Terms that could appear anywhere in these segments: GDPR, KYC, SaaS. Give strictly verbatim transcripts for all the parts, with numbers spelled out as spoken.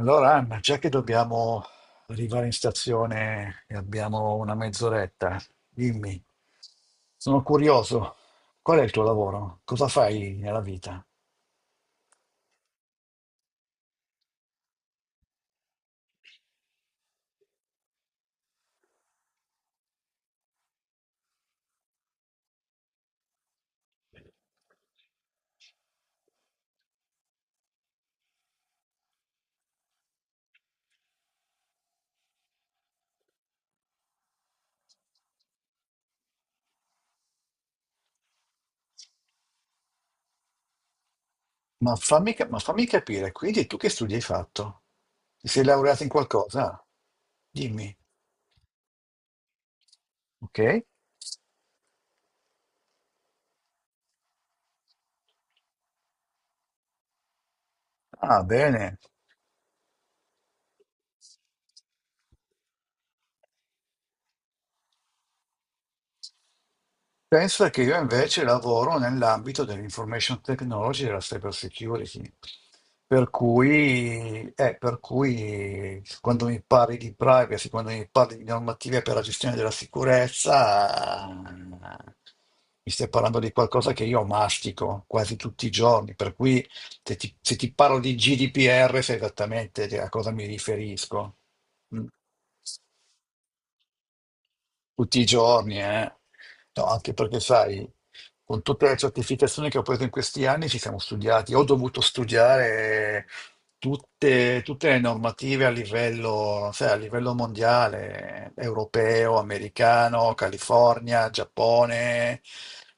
Allora, Anna, già che dobbiamo arrivare in stazione e abbiamo una mezz'oretta, dimmi, sono curioso, qual è il tuo lavoro? Cosa fai nella vita? Ma fammi, ca- ma fammi capire, quindi tu che studi hai fatto? Ti sei laureato in qualcosa? Dimmi, ok? Ah, bene. Pensa che io invece lavoro nell'ambito dell'information technology e della cyber security, per cui, eh, per cui quando mi parli di privacy, quando mi parli di normative per la gestione della sicurezza, mi stai parlando di qualcosa che io mastico quasi tutti i giorni, per cui se ti, se ti parlo di G D P R sai esattamente a cosa mi riferisco. Mm. Tutti i giorni, eh. No, anche perché sai, con tutte le certificazioni che ho preso in questi anni ci siamo studiati, ho dovuto studiare tutte, tutte le normative a livello, sai, a livello mondiale, europeo, americano, California, Giappone,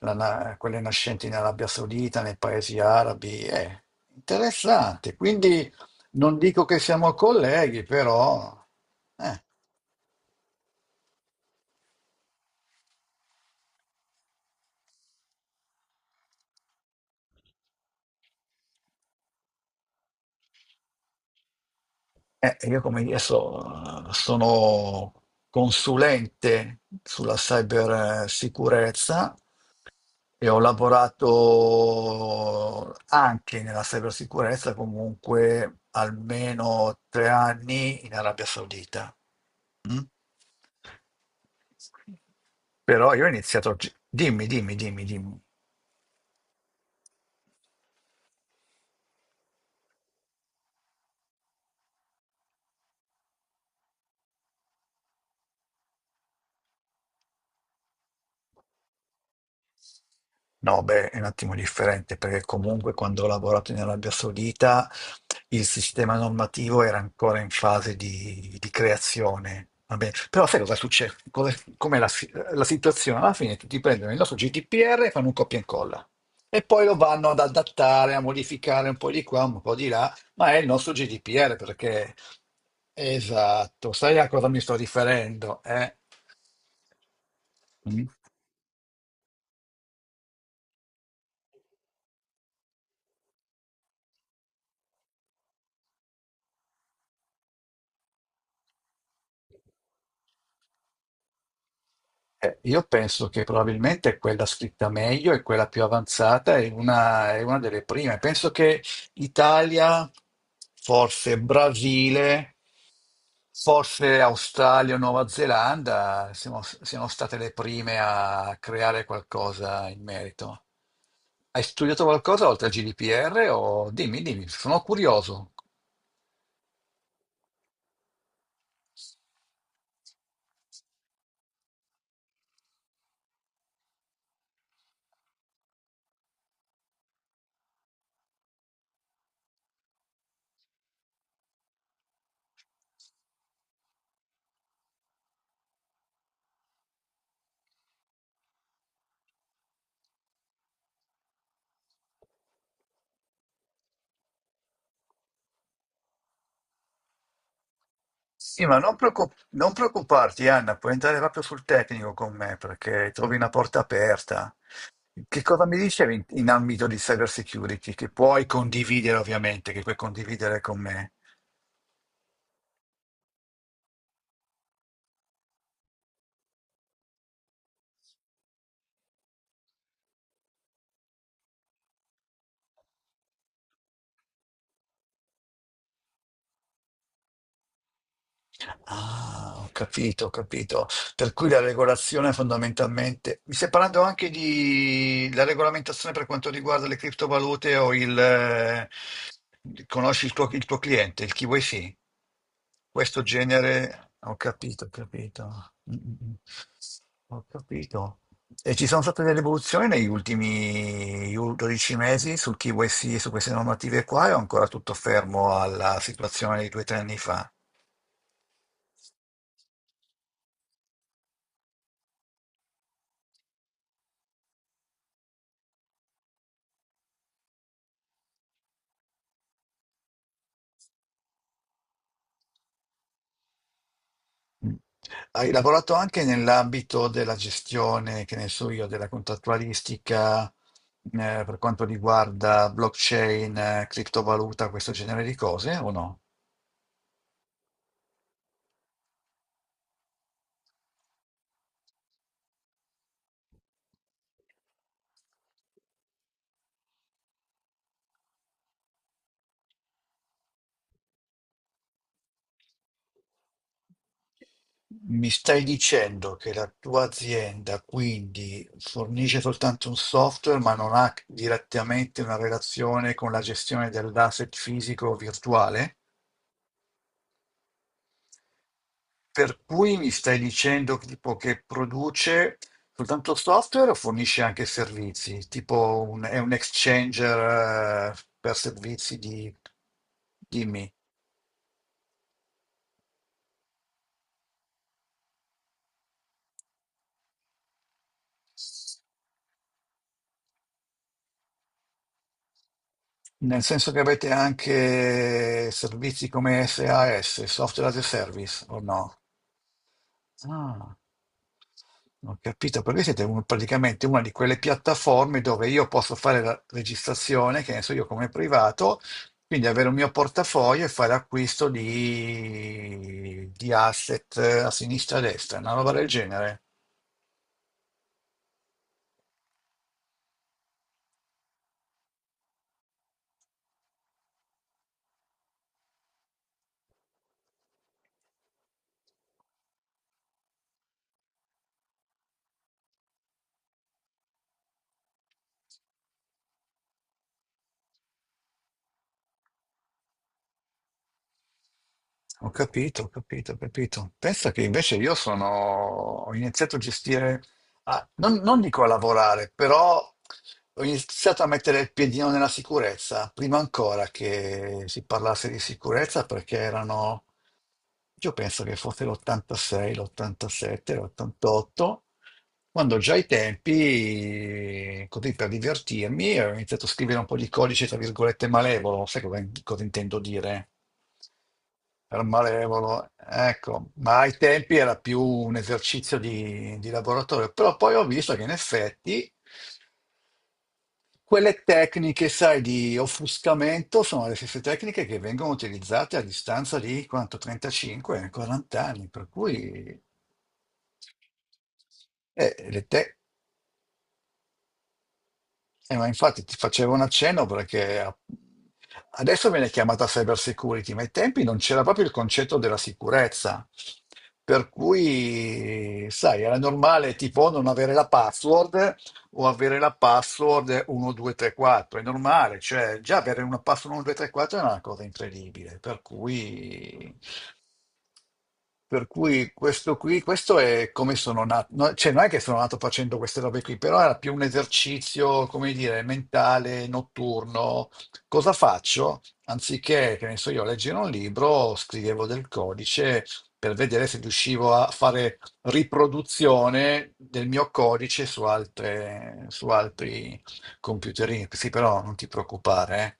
la na- quelle nascenti in Arabia Saudita, nei paesi arabi. È interessante, quindi non dico che siamo colleghi, però... eh. Eh, io come dire, so- sono consulente sulla cybersicurezza e ho lavorato anche nella cybersicurezza comunque almeno tre anni in Arabia Saudita. Mm? Però io ho iniziato... gi- Dimmi, dimmi, dimmi, dimmi. No, beh, è un attimo differente perché comunque quando ho lavorato in Arabia Saudita il sistema normativo era ancora in fase di, di creazione. Va bene. Però sai cosa succede? Cos'è- Com'è la, si- la situazione? Alla fine tutti prendono il nostro G D P R e fanno un copia e incolla e poi lo vanno ad adattare, a modificare un po' di qua, un po' di là, ma è il nostro G D P R perché... Esatto, sai a cosa mi sto riferendo? Eh? Mm? Eh, Io penso che probabilmente quella scritta meglio e quella più avanzata è una, è una, delle prime. Penso che Italia, forse Brasile, forse Australia o Nuova Zelanda siano, siano state le prime a creare qualcosa in merito. Hai studiato qualcosa oltre al G D P R o dimmi, dimmi, sono curioso. Sì, ma non preoccup- non preoccuparti, Anna, puoi entrare proprio sul tecnico con me perché trovi una porta aperta. Che cosa mi dicevi in, in ambito di cyber security? Che puoi condividere, ovviamente, che puoi condividere con me. Ah, ho capito, ho capito. Per cui la regolazione fondamentalmente... Mi stai parlando anche di la regolamentazione per quanto riguarda le criptovalute o il... eh, conosci il tuo, il tuo cliente, il K Y C? Questo genere... Ho capito, ho capito. Mm, mm, mm. Ho capito. E ci sono state delle evoluzioni negli ultimi dodici mesi su K Y C e su queste normative qua, e ho ancora tutto fermo alla situazione di due o tre anni fa. Mm. Hai lavorato anche nell'ambito della gestione, che ne so io, della contrattualistica, eh, per quanto riguarda blockchain, eh, criptovaluta, questo genere di cose, o no? Mi stai dicendo che la tua azienda quindi fornisce soltanto un software, ma non ha direttamente una relazione con la gestione dell'asset fisico o virtuale? Per cui mi stai dicendo che tipo che produce soltanto software o fornisce anche servizi? Tipo un- è un exchanger eh, per servizi di... Dimmi. Nel senso che avete anche servizi come SaaS, Software as a Service, o no? Ah, ho capito, perché siete un- praticamente una di quelle piattaforme dove io posso fare la registrazione, che ne so io come privato, quindi avere un mio portafoglio e fare acquisto di, di asset a sinistra e a destra, una roba del genere. Ho capito, ho capito, ho capito. Pensa che invece io sono, ho iniziato a gestire, a- non, non dico a lavorare, però ho iniziato a mettere il piedino nella sicurezza, prima ancora che si parlasse di sicurezza, perché erano, io penso che fosse l'ottantasei, l'ottantasette, l'ottantotto, quando già ai tempi, così per divertirmi, ho iniziato a scrivere un po' di codice, tra virgolette, malevolo, sai cosa, cosa, intendo dire? Per malevolo, ecco, ma ai tempi era più un esercizio di, di laboratorio, però poi ho visto che in effetti. Quelle tecniche, sai, di offuscamento sono le stesse tecniche che vengono utilizzate a distanza di quanto, trentacinque, quaranta anni, per cui eh, le te- eh, ma infatti ti facevo un accenno perché a- adesso viene chiamata cyber security, ma ai tempi non c'era proprio il concetto della sicurezza. Per cui, sai, era normale tipo non avere la password o avere la password uno due tre quattro. È normale, cioè già avere una password uno due tre quattro è una cosa incredibile, per cui, per cui questo qui, questo è come sono nato, no, cioè non è che sono nato facendo queste robe qui, però era più un esercizio, come dire, mentale, notturno. Cosa faccio? Anziché, che ne so io, leggere un libro, scrivevo del codice per vedere se riuscivo a fare riproduzione del mio codice su altre, su altri computerini. Sì, però non ti preoccupare, eh.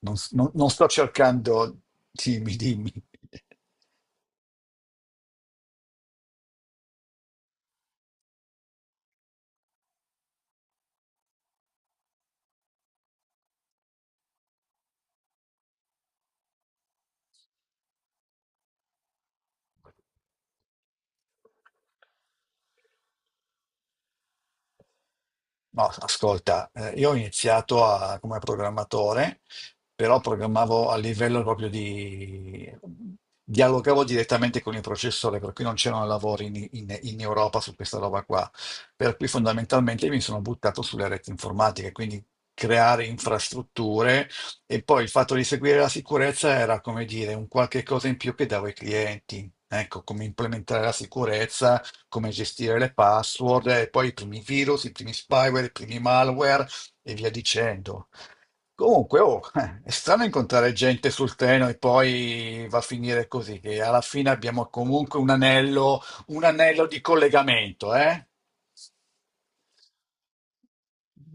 Non, s- non- non sto cercando... Dimmi, dimmi. No, ascolta, eh, io ho iniziato a- come programmatore, però programmavo a livello proprio di... dialogavo direttamente con il processore, per cui non c'erano lavori in, in- in Europa su questa roba qua. Per cui fondamentalmente mi sono buttato sulle reti informatiche, quindi creare infrastrutture e poi il fatto di seguire la sicurezza era, come dire, un qualche cosa in più che davo ai clienti. Ecco, come implementare la sicurezza come gestire le password, e poi i primi virus, i primi spyware, i primi malware e via dicendo. Comunque, oh, eh, è strano incontrare gente sul treno e poi va a finire così, che alla fine abbiamo comunque un anello, un anello di collegamento, eh?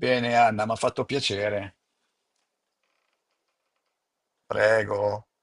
Bene, Anna, mi ha fatto piacere. Prego.